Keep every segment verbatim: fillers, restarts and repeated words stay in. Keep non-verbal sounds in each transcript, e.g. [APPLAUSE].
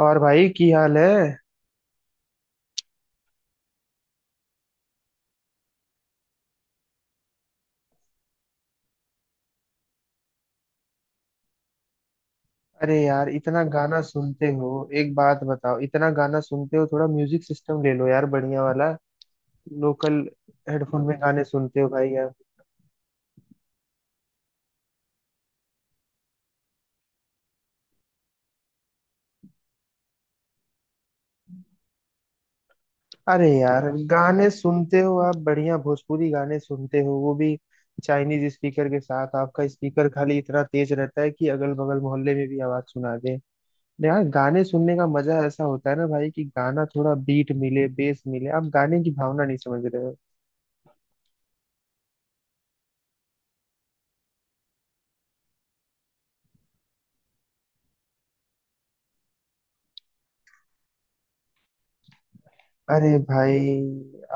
और भाई की हाल है। अरे यार, इतना गाना सुनते हो? एक बात बताओ, इतना गाना सुनते हो, थोड़ा म्यूजिक सिस्टम ले लो यार, बढ़िया वाला लोकल। हेडफोन में गाने सुनते हो भाई यार? अरे यार, गाने सुनते हो आप, बढ़िया भोजपुरी गाने सुनते हो, वो भी चाइनीज स्पीकर के साथ। आपका स्पीकर खाली इतना तेज रहता है कि अगल बगल मोहल्ले में भी आवाज सुना दे। यार, गाने सुनने का मजा ऐसा होता है ना भाई कि गाना थोड़ा बीट मिले, बेस मिले। आप गाने की भावना नहीं समझ रहे हो। अरे भाई,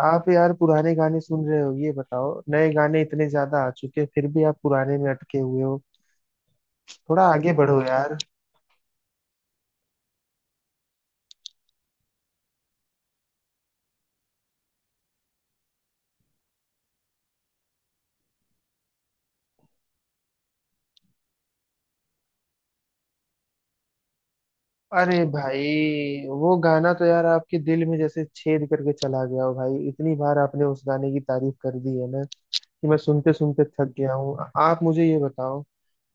आप यार पुराने गाने सुन रहे हो, ये बताओ नए गाने इतने ज्यादा आ चुके हैं फिर भी आप पुराने में अटके हुए हो। थोड़ा आगे बढ़ो यार। अरे भाई, वो गाना तो यार आपके दिल में जैसे छेद करके चला गया हो भाई, इतनी बार आपने उस गाने की तारीफ कर दी है ना कि मैं सुनते सुनते थक गया हूँ। आप मुझे ये बताओ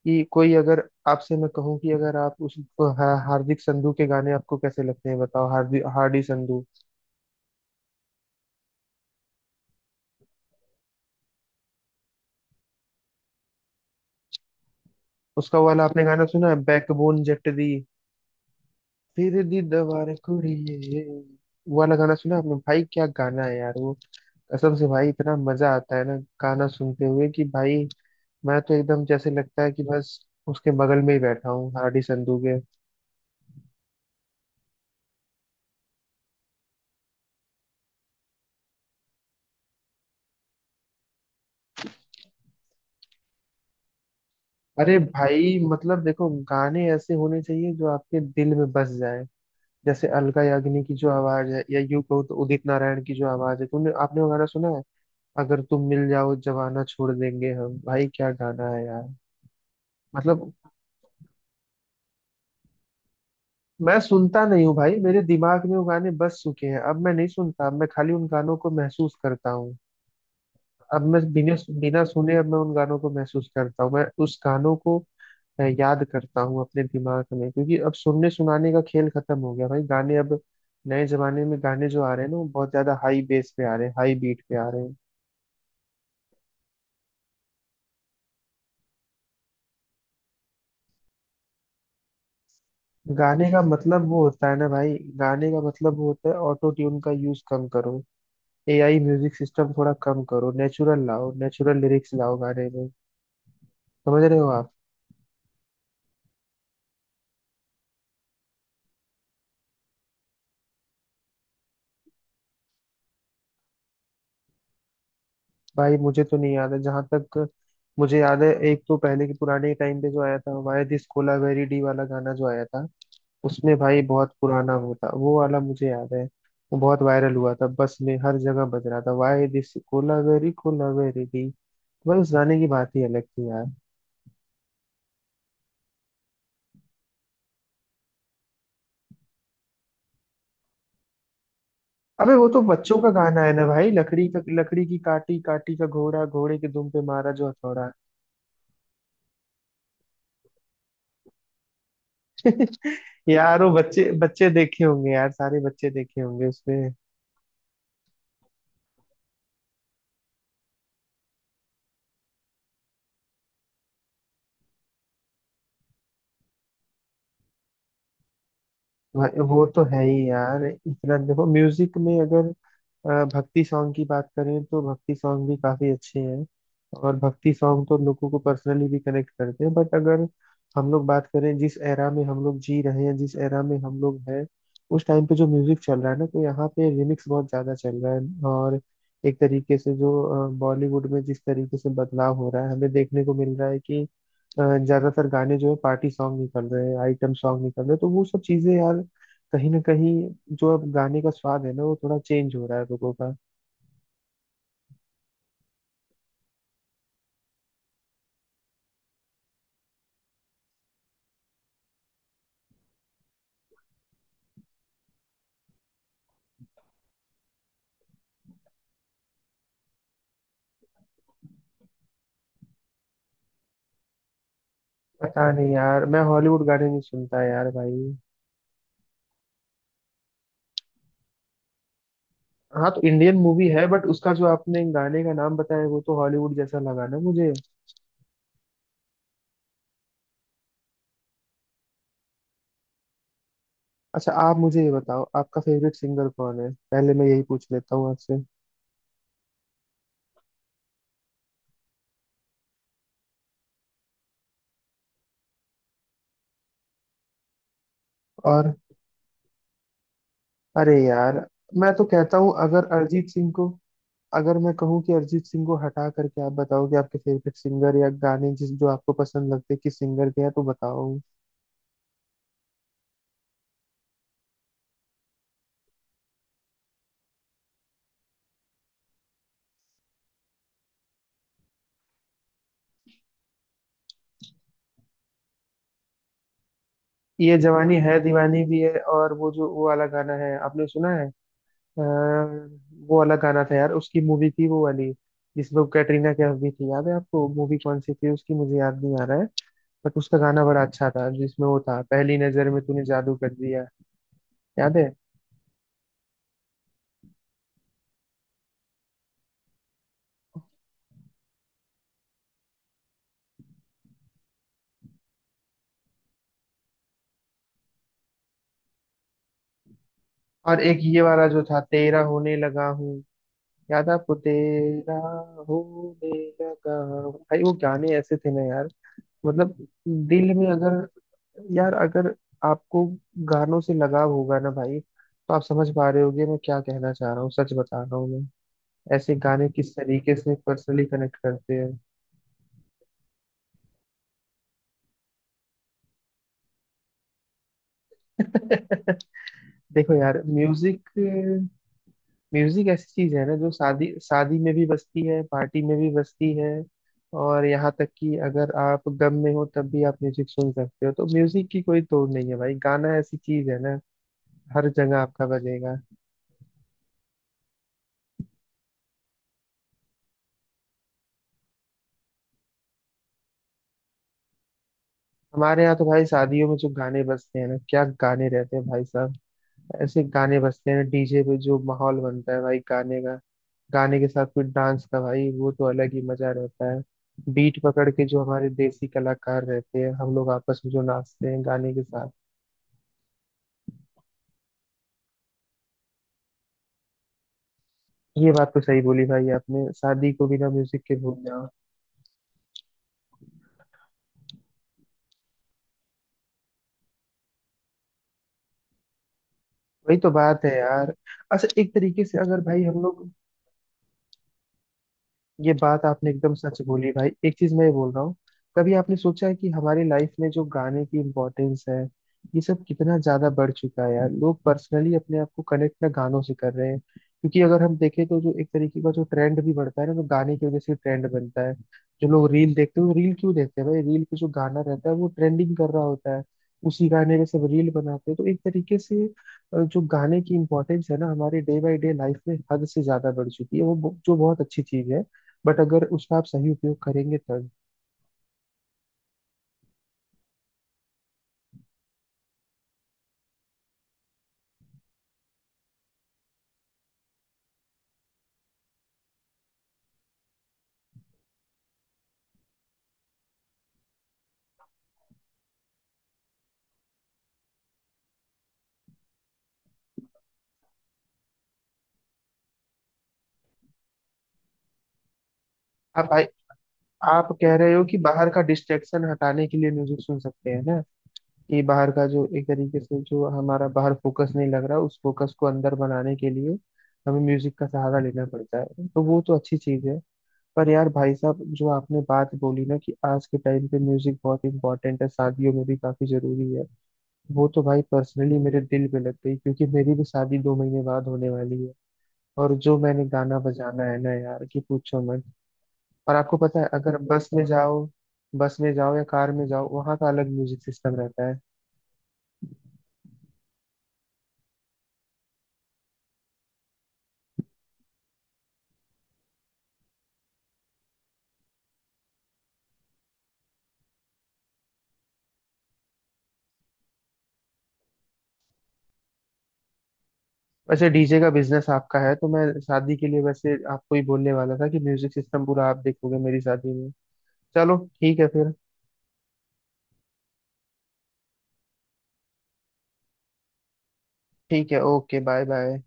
कि कोई अगर आपसे मैं कहूँ कि अगर आप उस हा- हार्दिक संधू के गाने आपको कैसे लगते हैं? बताओ, हार्दिक, हार्डी संधू। उसका वो वाला आपने गाना सुना है? बैकबोन जट दी, तेरे दीदवार कुड़िए। वो वाला गाना सुना आपने भाई? क्या गाना है यार वो! कसम से भाई, इतना मजा आता है ना गाना सुनते हुए कि भाई मैं तो एकदम जैसे लगता है कि बस उसके बगल में ही बैठा हूँ, हार्डी संधू के। अरे भाई, मतलब देखो गाने ऐसे होने चाहिए जो आपके दिल में बस जाए, जैसे अलका याग्निक की जो आवाज है, या यूं कहो तो उदित नारायण की जो आवाज है। तुमने आपने वो गाना सुना है, अगर तुम मिल जाओ, जवाना छोड़ देंगे हम? भाई क्या गाना है यार! मतलब मैं सुनता नहीं हूँ भाई, मेरे दिमाग में वो गाने बस चुके हैं, अब मैं नहीं सुनता, अब मैं खाली उन गानों को महसूस करता हूँ। अब मैं बिना बिना सुने अब मैं उन गानों को महसूस करता हूँ, मैं उस गानों को अ, याद करता हूँ अपने दिमाग में, क्योंकि अब सुनने सुनाने का खेल खत्म हो गया भाई। गाने अब, नए जमाने में गाने जो आ रहे हैं ना, वो बहुत ज्यादा हाई बेस पे आ रहे हैं, हाई बीट पे आ रहे हैं। गाने का मतलब वो होता है ना भाई, गाने का मतलब वो होता है, ऑटो ट्यून का यूज कम करो, एआई म्यूजिक सिस्टम थोड़ा कम करो, नेचुरल लाओ, नेचुरल लिरिक्स लाओ गाने में। समझ रहे हो आप? भाई मुझे तो नहीं याद है, जहां तक मुझे याद है एक तो पहले के पुराने टाइम पे जो आया था, वाया दिस कोलावेरी डी वाला गाना जो आया था, उसमें भाई बहुत पुराना होता, वो वाला मुझे याद है। वो बहुत वायरल हुआ था, बस में हर जगह बज रहा था, वाया दिस कोलावेरी कोलावेरी डी। भाई उस गाने की बात ही अलग थी यार। अबे वो तो बच्चों का गाना है ना भाई, लकड़ी का लकड़ी की काटी, काटी का घोड़ा, घोड़े के दुम पे मारा जो हथौड़ा। [LAUGHS] यार वो बच्चे बच्चे देखे होंगे यार, सारे बच्चे देखे होंगे उसमें। भाई वो तो है ही यार। इतना देखो म्यूजिक में अगर अ, भक्ति सॉन्ग की बात करें तो भक्ति सॉन्ग भी काफी अच्छे हैं, और भक्ति सॉन्ग तो लोगों को पर्सनली भी कनेक्ट करते हैं। बट अगर हम लोग बात करें जिस एरा में हम लोग जी रहे हैं, जिस एरा में हम लोग हैं, उस टाइम पे जो म्यूजिक चल रहा है ना, तो यहाँ पे रिमिक्स बहुत ज्यादा चल रहा है। और एक तरीके से जो अ, बॉलीवुड में जिस तरीके से बदलाव हो रहा है, हमें देखने को मिल रहा है कि अ, ज्यादातर गाने जो है पार्टी सॉन्ग निकल रहे हैं, आइटम सॉन्ग निकल रहे हैं। तो वो सब चीजें यार कहीं ना कहीं, जो अब गाने का स्वाद है ना, वो थोड़ा चेंज हो रहा है लोगों का। पता नहीं यार, मैं हॉलीवुड गाने नहीं सुनता यार भाई। हाँ तो इंडियन मूवी है, बट उसका जो आपने गाने का नाम बताया वो तो हॉलीवुड जैसा लगा ना मुझे। अच्छा आप मुझे ये बताओ, आपका फेवरेट सिंगर कौन है? पहले मैं यही पूछ लेता हूँ आपसे। और अरे यार, मैं तो कहता हूँ अगर अरिजीत सिंह को, अगर मैं कहूँ कि अरिजीत सिंह को हटा करके आप बताओ कि आपके फेवरेट सिंगर या गाने जिस जो आपको पसंद लगते हैं, किस सिंगर के हैं, तो बताओ। ये जवानी है दीवानी भी है, और वो जो वो वाला गाना है आपने सुना है? अ, वो वाला गाना था यार, उसकी मूवी थी वो वाली जिसमें वो कैटरीना कैफ भी थी, याद है आपको? मूवी कौन सी थी उसकी मुझे याद नहीं आ रहा है। बट उसका गाना बड़ा अच्छा था, जिसमें वो था, पहली नजर में तूने जादू कर दिया, याद है? और एक ये वाला जो था, तेरा होने लगा हूँ, याद है आपको? तेरा होने लगा हूँ भाई, वो गाने ऐसे थे ना यार, मतलब दिल में अगर। यार अगर आपको गानों से लगाव होगा ना भाई, तो आप समझ पा रहे होगे मैं क्या कहना चाह रहा हूँ, सच बता रहा हूँ मैं, ऐसे गाने किस तरीके से पर्सनली कनेक्ट करते हैं। [LAUGHS] देखो यार म्यूजिक, म्यूजिक ऐसी चीज है ना जो शादी शादी में भी बजती है, पार्टी में भी बजती है, और यहाँ तक कि अगर आप गम में हो तब भी आप म्यूजिक सुन सकते हो। तो म्यूजिक की कोई तोड़ नहीं है भाई, गाना ऐसी चीज है ना, हर जगह आपका बजेगा। हमारे यहाँ तो भाई शादियों में जो गाने बजते हैं ना, क्या गाने रहते हैं भाई साहब! ऐसे गाने बजते हैं डीजे पे, जो माहौल बनता है भाई गाने का, गाने के साथ कोई डांस का, भाई वो तो अलग ही मजा रहता है। बीट पकड़ के जो हमारे देसी कलाकार रहते हैं, हम लोग आपस में जो नाचते हैं गाने के साथ। ये बात तो सही बोली भाई आपने, शादी को बिना म्यूजिक के भूल जाओ। वही तो बात है यार। अच्छा एक तरीके से अगर भाई हम लोग, ये बात आपने एकदम सच बोली भाई, एक चीज मैं ये बोल रहा हूँ, कभी आपने सोचा है कि हमारी लाइफ में जो गाने की इम्पोर्टेंस है, ये सब कितना ज्यादा बढ़ चुका है यार? लोग पर्सनली अपने आप को कनेक्ट ना गानों से कर रहे हैं, क्योंकि अगर हम देखें तो जो एक तरीके का जो ट्रेंड भी बढ़ता है ना, तो गाने की वजह से ट्रेंड बनता है। जो लोग रील देखते हैं, वो रील क्यों देखते हैं भाई? रील पे जो गाना रहता है वो ट्रेंडिंग कर रहा होता है, उसी गाने पे सब रील बनाते हैं। तो एक तरीके से अ, जो गाने की इम्पोर्टेंस है ना हमारे डे बाय डे लाइफ में, हद से ज्यादा बढ़ चुकी है, वो ब- जो बहुत अच्छी चीज है, बट अगर उसका आप सही उपयोग करेंगे तब। आप आई- आप कह रहे हो कि बाहर का डिस्ट्रैक्शन हटाने के लिए म्यूजिक सुन सकते हैं ना, कि बाहर का जो एक तरीके से जो हमारा बाहर फोकस नहीं लग रहा, उस फोकस को अंदर बनाने के लिए हमें म्यूजिक का सहारा लेना पड़ता है, तो वो तो अच्छी चीज है। पर यार भाई साहब, जो आपने बात बोली ना कि आज के टाइम पे म्यूजिक बहुत इंपॉर्टेंट है, शादियों में भी काफी जरूरी है, वो तो भाई पर्सनली मेरे दिल पे लग गई, क्योंकि मेरी भी शादी दो महीने बाद होने वाली है। और जो मैंने गाना बजाना है ना यार, कि पूछो मत! और आपको पता है, अगर बस में जाओ, बस में जाओ या कार में जाओ, वहाँ का अलग म्यूजिक सिस्टम रहता है। वैसे डीजे का बिजनेस आपका है, तो मैं शादी के लिए वैसे आपको ही बोलने वाला था कि म्यूजिक सिस्टम पूरा आप देखोगे मेरी शादी में। चलो ठीक है फिर। ठीक है, ओके, बाय बाय।